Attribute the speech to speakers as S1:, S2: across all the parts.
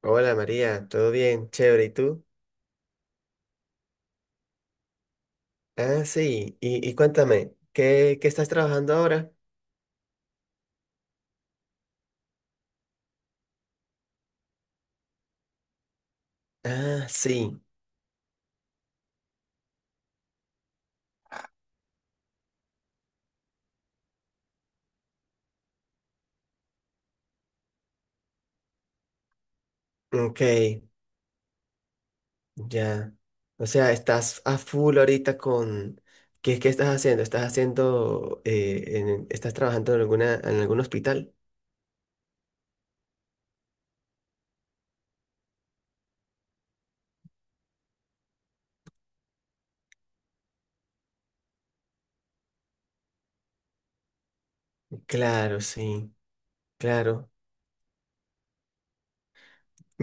S1: Hola María, ¿todo bien? Chévere, ¿y tú? Ah, sí, y cuéntame, ¿qué estás trabajando ahora? Ah, sí, ok, ya. O sea, estás a full ahorita con... ¿Qué estás haciendo? ¿Estás haciendo... estás trabajando en alguna, en algún hospital? Claro, sí, claro.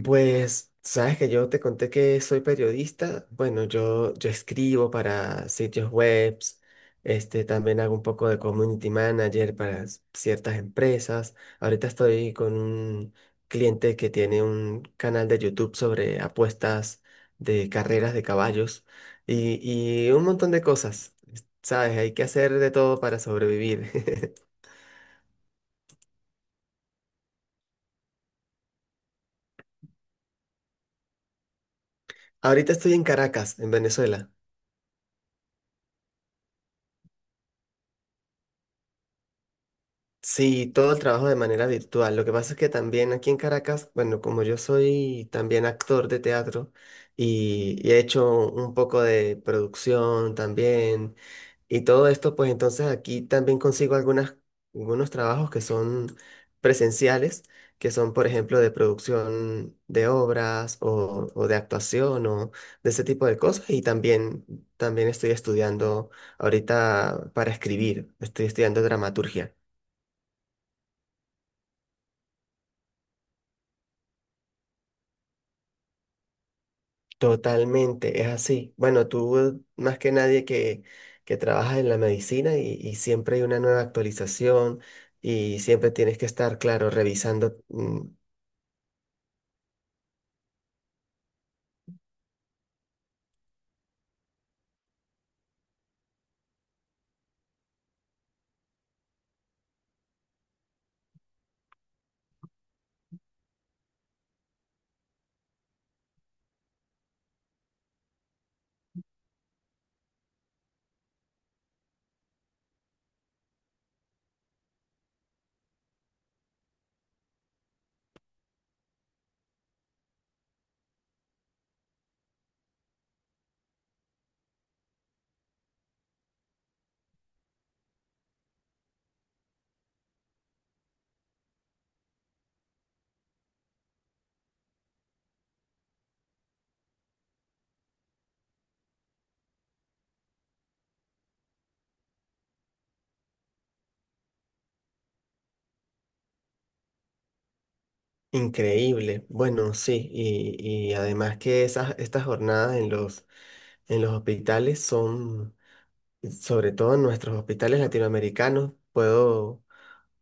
S1: Pues, sabes que yo te conté que soy periodista. Bueno, yo escribo para sitios webs, también hago un poco de community manager para ciertas empresas. Ahorita estoy con un cliente que tiene un canal de YouTube sobre apuestas de carreras de caballos y, y un montón de cosas. Sabes, hay que hacer de todo para sobrevivir. Ahorita estoy en Caracas, en Venezuela. Sí, todo el trabajo de manera virtual. Lo que pasa es que también aquí en Caracas, bueno, como yo soy también actor de teatro y he hecho un poco de producción también y todo esto, pues entonces aquí también consigo algunas, algunos trabajos que son presenciales, que son, por ejemplo, de producción de obras o de actuación o de ese tipo de cosas. También estoy estudiando ahorita para escribir, estoy estudiando dramaturgia. Totalmente, es así. Bueno, tú más que nadie que trabajas en la medicina y siempre hay una nueva actualización y siempre tienes que estar, claro, revisando. Increíble. Bueno, sí, y además que estas jornadas en los hospitales son, sobre todo en nuestros hospitales latinoamericanos, puedo.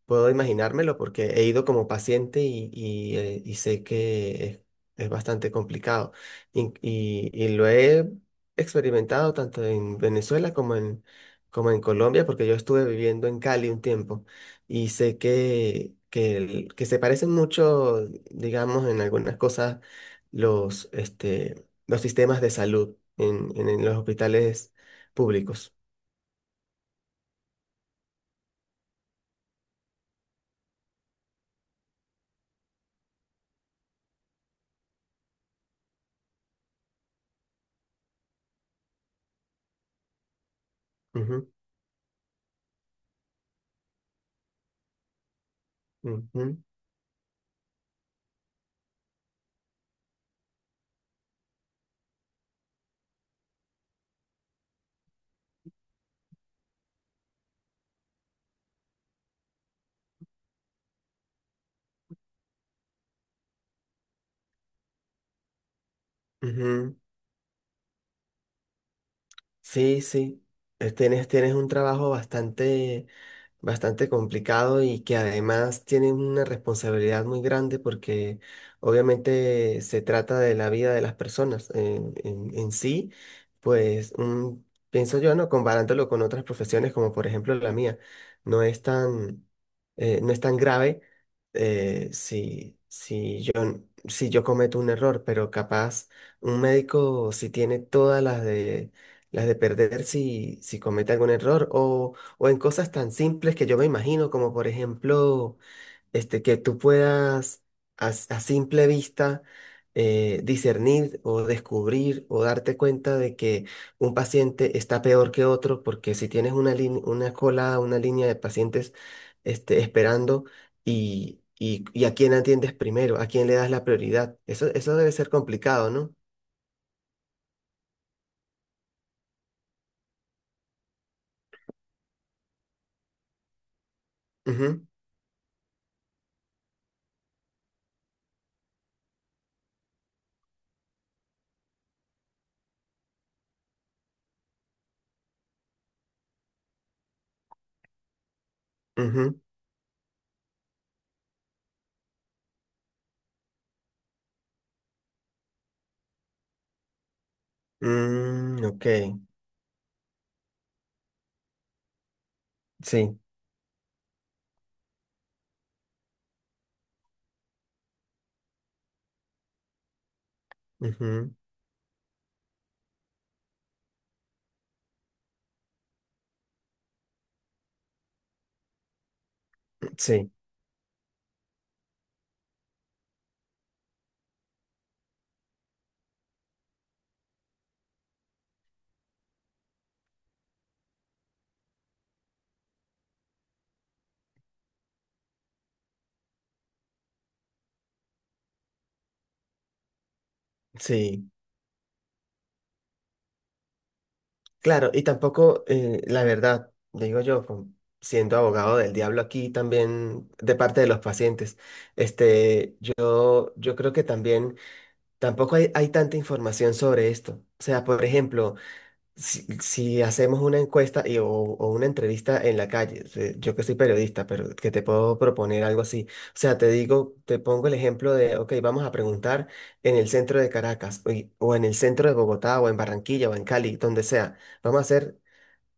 S1: Puedo imaginármelo porque he ido como paciente y sé que es bastante complicado. Y lo he experimentado tanto en Venezuela como en, como en Colombia, porque yo estuve viviendo en Cali un tiempo y sé que se parecen mucho, digamos, en algunas cosas los, los sistemas de salud en los hospitales públicos. Ujú, ujú, ujú. Sí, sí. Tienes, tienes un trabajo bastante, bastante complicado y que además tienen una responsabilidad muy grande porque obviamente se trata de la vida de las personas en, en sí, pues pienso yo, ¿no? Comparándolo con otras profesiones como por ejemplo la mía, no es tan, no es tan grave si yo, si yo cometo un error, pero capaz un médico si tiene todas las de perder si comete algún error o en cosas tan simples que yo me imagino, como por ejemplo, que tú puedas a simple vista discernir o descubrir o darte cuenta de que un paciente está peor que otro, porque si tienes una una cola, una línea de pacientes esperando y a quién atiendes primero, a quién le das la prioridad, eso debe ser complicado, ¿no? Ujú, ujú. Mm, ok, sí, ujú, sí, sí. Claro, y tampoco, la verdad, digo yo, como siendo abogado del diablo aquí también de parte de los pacientes, este, yo, yo creo que también tampoco hay, hay tanta información sobre esto. O sea, por ejemplo, si, si hacemos una encuesta o una entrevista en la calle, yo que soy periodista, pero que te puedo proponer algo así. O sea, te digo, te pongo el ejemplo de, ok, vamos a preguntar en el centro de Caracas, o en el centro de Bogotá, o en Barranquilla, o en Cali, donde sea. Vamos a hacer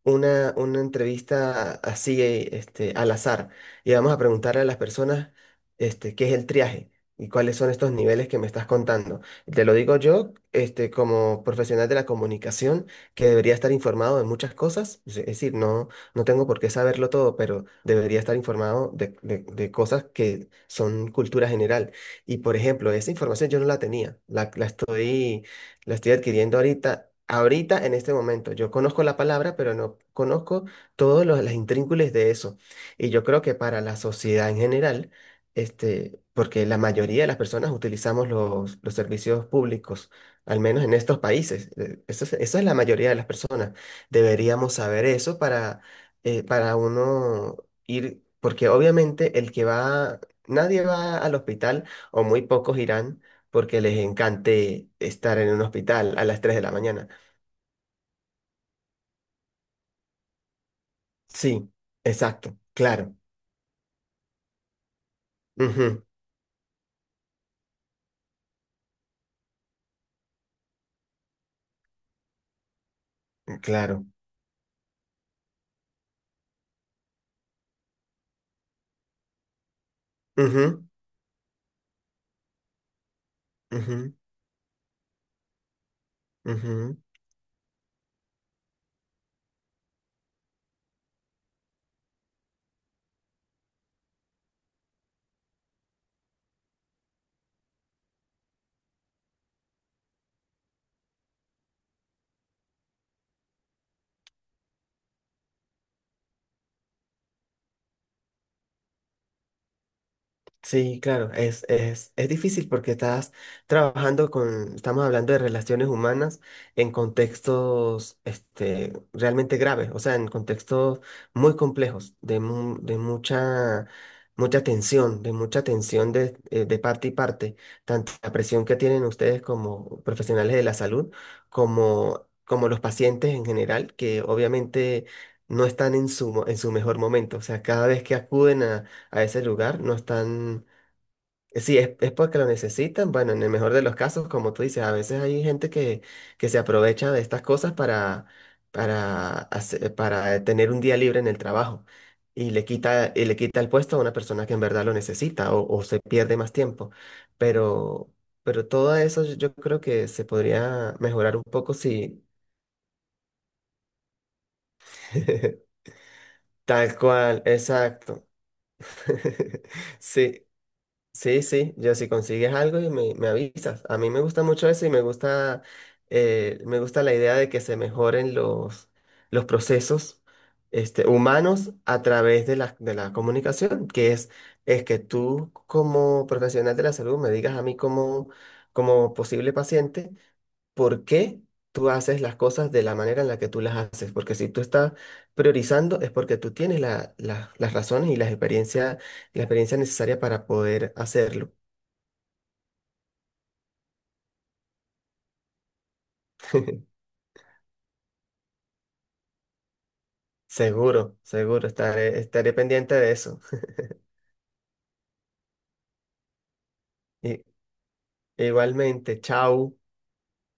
S1: una entrevista así, al azar. Y vamos a preguntarle a las personas, qué es el triaje y cuáles son estos niveles que me estás contando. Te lo digo yo, como profesional de la comunicación, que debería estar informado de muchas cosas. Es decir, no, no tengo por qué saberlo todo, pero debería estar informado de cosas que son cultura general. Y, por ejemplo, esa información yo no la tenía. La estoy adquiriendo ahorita, ahorita en este momento. Yo conozco la palabra, pero no conozco todos los, las intríngulis de eso. Y yo creo que para la sociedad en general, porque la mayoría de las personas utilizamos los servicios públicos, al menos en estos países, eso es la mayoría de las personas. Deberíamos saber eso para uno ir, porque obviamente el que va, nadie va al hospital o muy pocos irán porque les encante estar en un hospital a las tres de la mañana. Sí, exacto, claro. Ujú, claro. Ujú, ujú, ujú. Sí, claro, es difícil porque estás trabajando con, estamos hablando de relaciones humanas en contextos realmente graves, o sea, en contextos muy complejos, de, de mucha, mucha tensión de parte y parte, tanto la presión que tienen ustedes como profesionales de la salud, como los pacientes en general, que obviamente no están en su, en su mejor momento, o sea, cada vez que acuden a ese lugar, no están... Sí, es porque lo necesitan. Bueno, en el mejor de los casos, como tú dices, a veces hay gente que se aprovecha de estas cosas para, para tener un día libre en el trabajo y le quita el puesto a una persona que en verdad lo necesita o se pierde más tiempo. Pero, pero todo eso yo creo que se podría mejorar un poco si... Tal cual, exacto. Sí. Sí, sí, yo si consigues algo me avisas. A mí me gusta mucho eso y me gusta la idea de que se mejoren los procesos humanos a través de la comunicación, que es que tú como profesional de la salud me digas a mí como, como posible paciente por qué tú haces las cosas de la manera en la que tú las haces. Porque si tú estás priorizando es porque tú tienes la- las razones y las experiencia, la experiencia necesaria para poder hacerlo. Seguro, seguro, estaré pendiente de eso. I- igualmente, chao.